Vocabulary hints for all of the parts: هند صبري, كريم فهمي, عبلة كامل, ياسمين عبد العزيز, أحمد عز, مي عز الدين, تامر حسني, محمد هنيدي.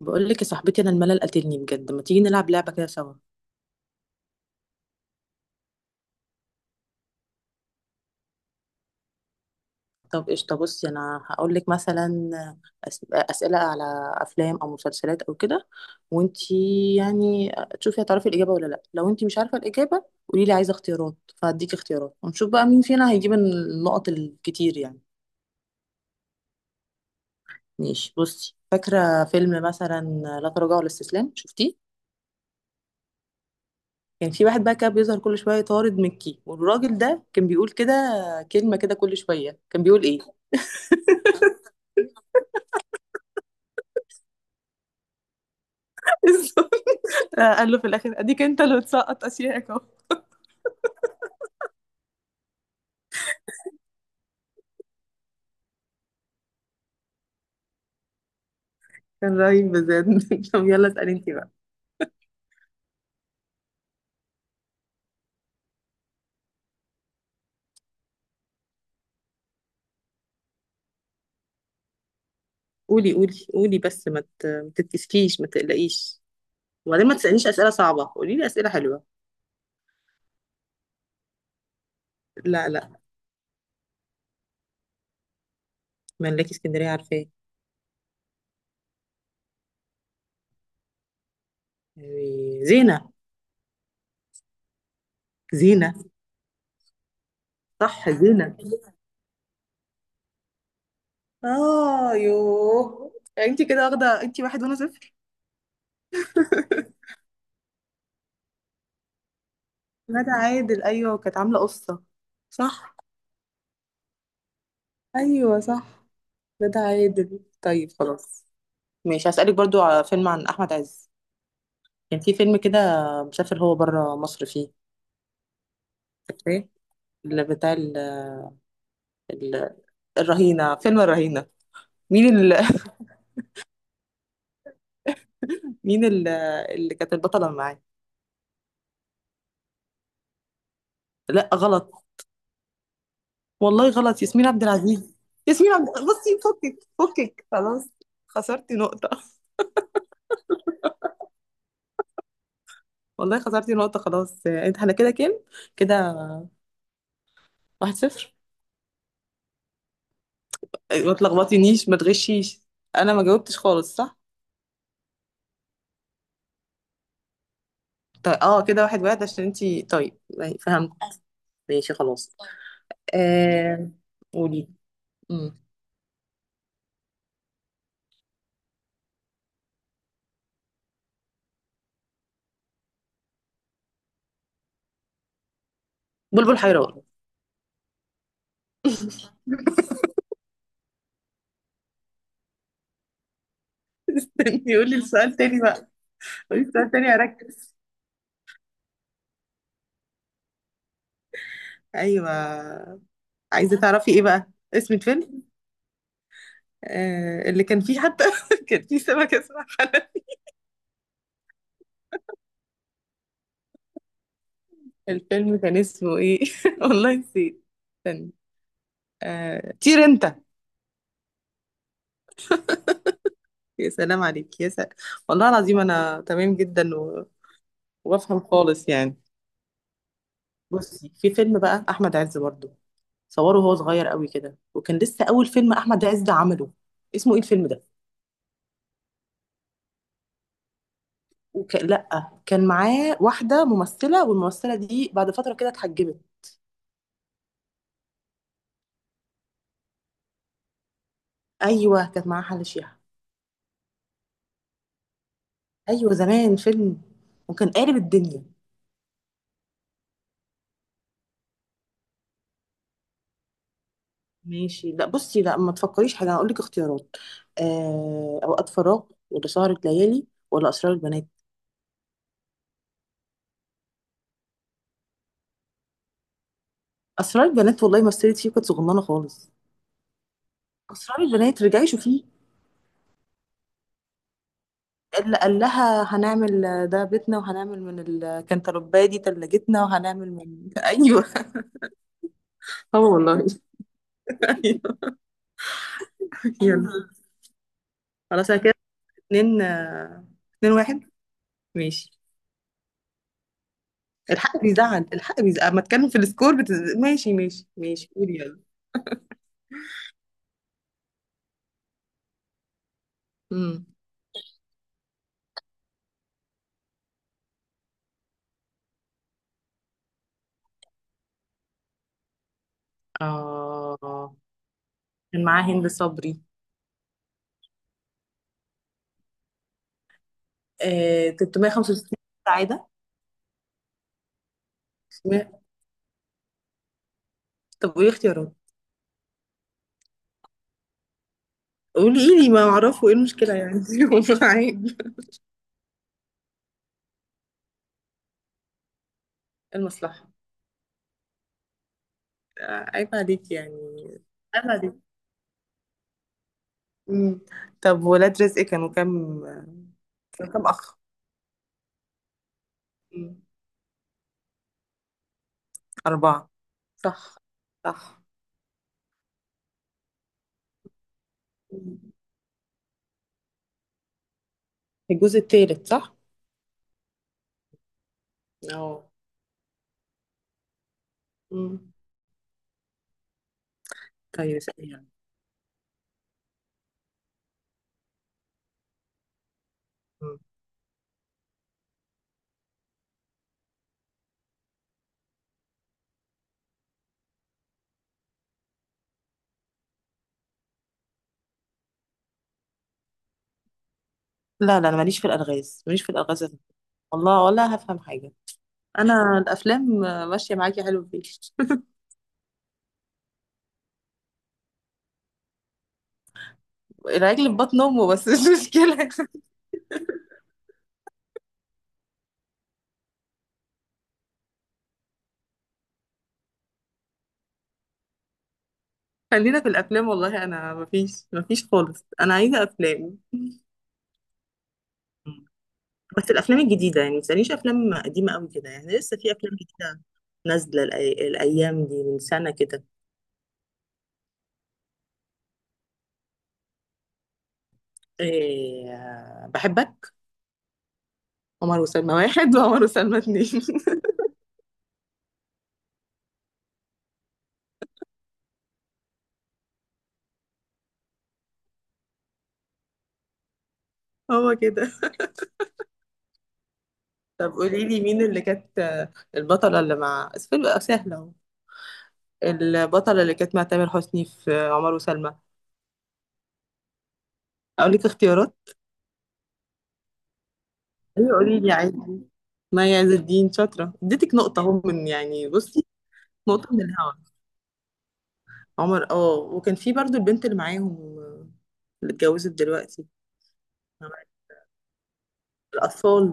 بقول لك يا صاحبتي، انا الملل قاتلني بجد. ما تيجي نلعب لعبه كده سوا؟ طب قشطه، بصي انا هقول لك مثلا اسئله على افلام او مسلسلات او كده، وانتي يعني تشوفي هتعرفي الاجابه ولا لا. لو انتي مش عارفه الاجابه قولي لي عايزه اختيارات، فهديكي اختيارات ونشوف بقى مين فينا هيجيب النقط الكتير يعني. ماشي، بصي فاكره فيلم مثلا لا تراجع ولا استسلام، شفتيه؟ كان في واحد بقى كان بيظهر كل شويه طارد مكي، والراجل ده كان بيقول كده كلمه كده كل شويه، كان بيقول ايه؟ آه، قال له في الاخر اديك انت اللي بتسقط اشيائك اهو. كان رهيب بجد. طب يلا اسألي انت بقى. قولي قولي قولي بس، ما تتكسفيش ما تقلقيش. وبعدين ما تسألنيش أسئلة صعبة، قولي لي أسئلة حلوة. لا لا، ملاكي اسكندرية عارفاه. أيوة، زينة. زينة. صح زينة. اه يوه، انت كده واخده، انت واحد وانا صفر. ندى عادل، ايوه كانت عاملة قصة. صح. ايوه صح. ندى عادل، طيب خلاص. ماشي، هسألك برضو على فيلم عن أحمد عز. كان في فيلم كده، مسافر هو بره مصر فيه. فاكراه؟ اللي بتاع ال... الرهينة، فيلم الرهينة. مين مين اللي كانت البطلة معاه؟ لا غلط. والله غلط، ياسمين عبد العزيز. ياسمين عبد، بصي فكك فكك خلاص، خسرتي نقطة. والله خسرتي نقطة خلاص، انت احنا كده كام؟ كده واحد صفر. أيوة، ما تلخبطينيش ما تغشيش. انا ما جاوبتش خالص، صح. طيب، اه كده واحد واحد عشان انتي طيب. فهمت. ماشي خلاص. آه... قولي. مم. بلبل حيران. يقول لي السؤال تاني بقى، قولي السؤال تاني اركز. ايوه، عايزه تعرفي ايه بقى، اسم فيلم؟ اللي كان فيه حتى كان فيه سمكه اسمها حنان. الفيلم كان اسمه ايه؟ والله نسيت. استنى. آه، طير انت. يا سلام عليك يا سلام. والله العظيم انا تمام جدا وبفهم خالص يعني. بصي، في فيلم بقى احمد عز برضه، صوره وهو صغير قوي كده، وكان لسه اول فيلم احمد عز عمله. اسمه ايه الفيلم ده؟ لا كان معاه واحده ممثله، والممثله دي بعد فتره كده اتحجبت. ايوه كانت معاه حل شيحه. ايوه زمان، فيلم وكان قالب الدنيا. ماشي، لا بصي لا ما تفكريش حاجه، هقول لك اختيارات. اوقات فراغ ولا سهره ليالي ولا اسرار البنات؟ اسرار البنات والله، مثلت فيه كانت صغننه خالص. اسرار البنات رجعي شوفيه. اللي قال لها هنعمل ده بيتنا، وهنعمل من الكنتالوبايه دي تلاجتنا، وهنعمل من، ايوه. اه والله. ايوه. يلا خلاص أنا كده اتنين، اتنين واحد. ماشي، الحق بيزعل، الحق بيزعل اما اتكلم في السكور، ماشي ماشي ماشي، قولي يلا. امم. اه كان معاه هند صبري. آه 365 سعادة. طب وايه اختيارات؟ قولي، ايه لي ما اعرفه؟ ايه المشكلة يعني؟ عيب. المصلحة. عيب عليك يعني. عيب عليك. مم. طب ولاد رزق كانوا كام؟ كانوا كام اخ؟ مم. أربعة. صح. صح. مم. الجزء الثالث صح؟ اه. امم. طيب اسألي يلا. مم. لا لا، انا ماليش في الالغاز ماليش في الالغاز أبداً. والله ولا هفهم حاجه، انا الافلام ماشيه معاكي حلو فيه. العجل في بطن امه، بس مش مشكله. خلينا في الافلام، والله انا مفيش مفيش خالص، انا عايزه افلام. مم. بس الافلام الجديده يعني، ما تسالنيش افلام قديمه قوي كده يعني، لسه في افلام جديده نازله الايام دي من سنه كده. إيه بحبك. عمر وسلمى واحد، وعمر وسلمى اتنين. هو كده. طب قولي لي مين اللي كانت البطلة اللي مع بس فيلم سهلة اهو، البطلة اللي كانت مع تامر حسني في عمر وسلمى؟ اقول لك اختيارات؟ ايوه قولي لي عادي. مي عز الدين، شاطرة اديتك نقطة اهو، من يعني بصي، نقطة من الهوا. عمر، وكان في برضو البنت اللي معاهم، آه، اللي اتجوزت دلوقتي. الأطفال.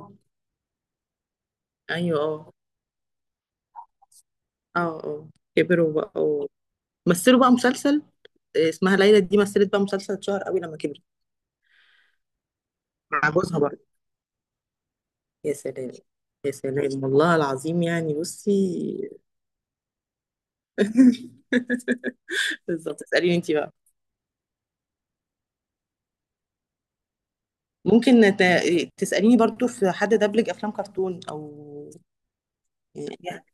ايوه اه اه اه. كبروا بقى مثلوا بقى مسلسل. اسمها ليلى دي مثلت بقى مسلسل اتشهر قوي لما كبرت، مع جوزها برضه. يا سلام. يا سلام، والله العظيم يعني بصي. بالظبط، اسأليني انت بقى. ممكن تسأليني برضو، في حد دبلج افلام كرتون او يعني؟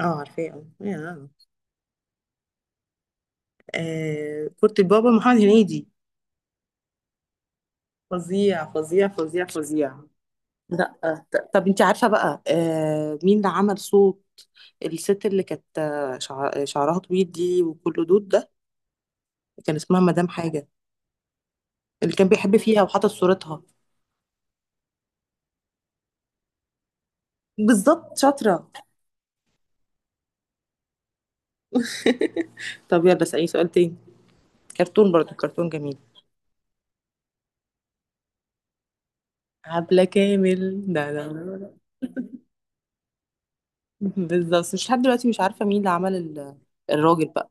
اه عارفاه. اه يا. كرة البابا محمد هنيدي. فظيع فظيع فظيع فظيع. لا، طب انت عارفة بقى، مين اللي عمل صوت الست اللي كانت شعرها طويل دي وكله دود ده؟ كان اسمها مدام حاجة، اللي كان بيحب فيها وحاطط صورتها. بالضبط شاطرة. طب يلا اسألي سؤال تاني، كرتون برضو كرتون جميل. عبلة كامل، لا لا، لا لا. بالظبط، بس مش لحد دلوقتي مش عارفة مين اللي عمل الراجل بقى.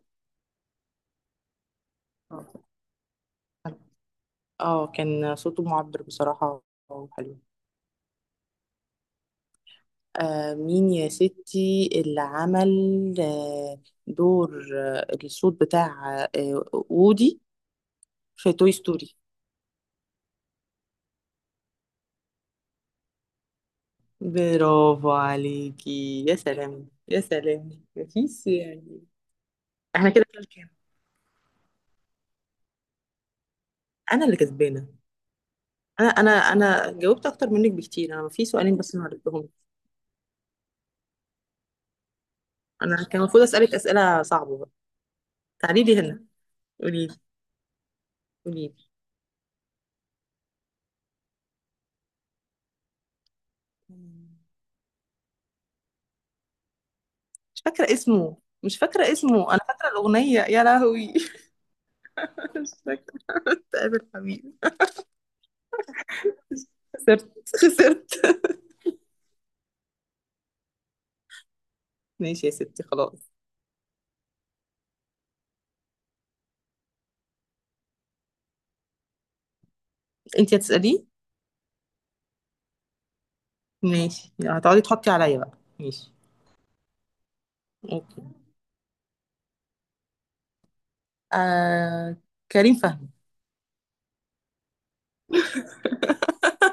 اه كان صوته معبر بصراحة وحلو. مين يا ستي اللي عمل آه دور الصوت بتاع وودي في توي ستوري؟ برافو عليكي، يا سلام يا سلام، مفيش يعني. احنا كده كام؟ انا اللي كسبانة. انا جاوبت اكتر منك بكتير، انا في سؤالين بس ما عرفتهم. انا كان المفروض اسالك اسئله صعبه بقى. تعالي لي هنا. قولي لي قولي لي. مش فاكره اسمه. مش فاكره اسمه، انا فاكره الاغنيه يا لهوي. انا مش فاكره. تقابل حبيبي. خسرت خسرت. ماشي يا ستي خلاص. انت هتساليه. ماشي، هتقعدي تحطي عليا بقى، ماشي. اوكي. آه... كريم فهمي.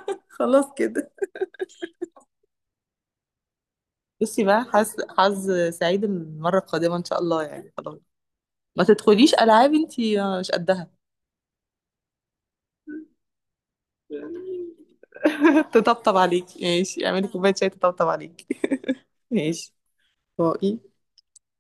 خلاص كده. بصي بقى، حظ سعيد المره القادمه ان شاء الله يعني، خلاص. ما تدخليش العاب انتي، مش قدها. تطبطب عليكي، ماشي اعملي كوبايه شاي تطبطب عليكي. ماشي باي.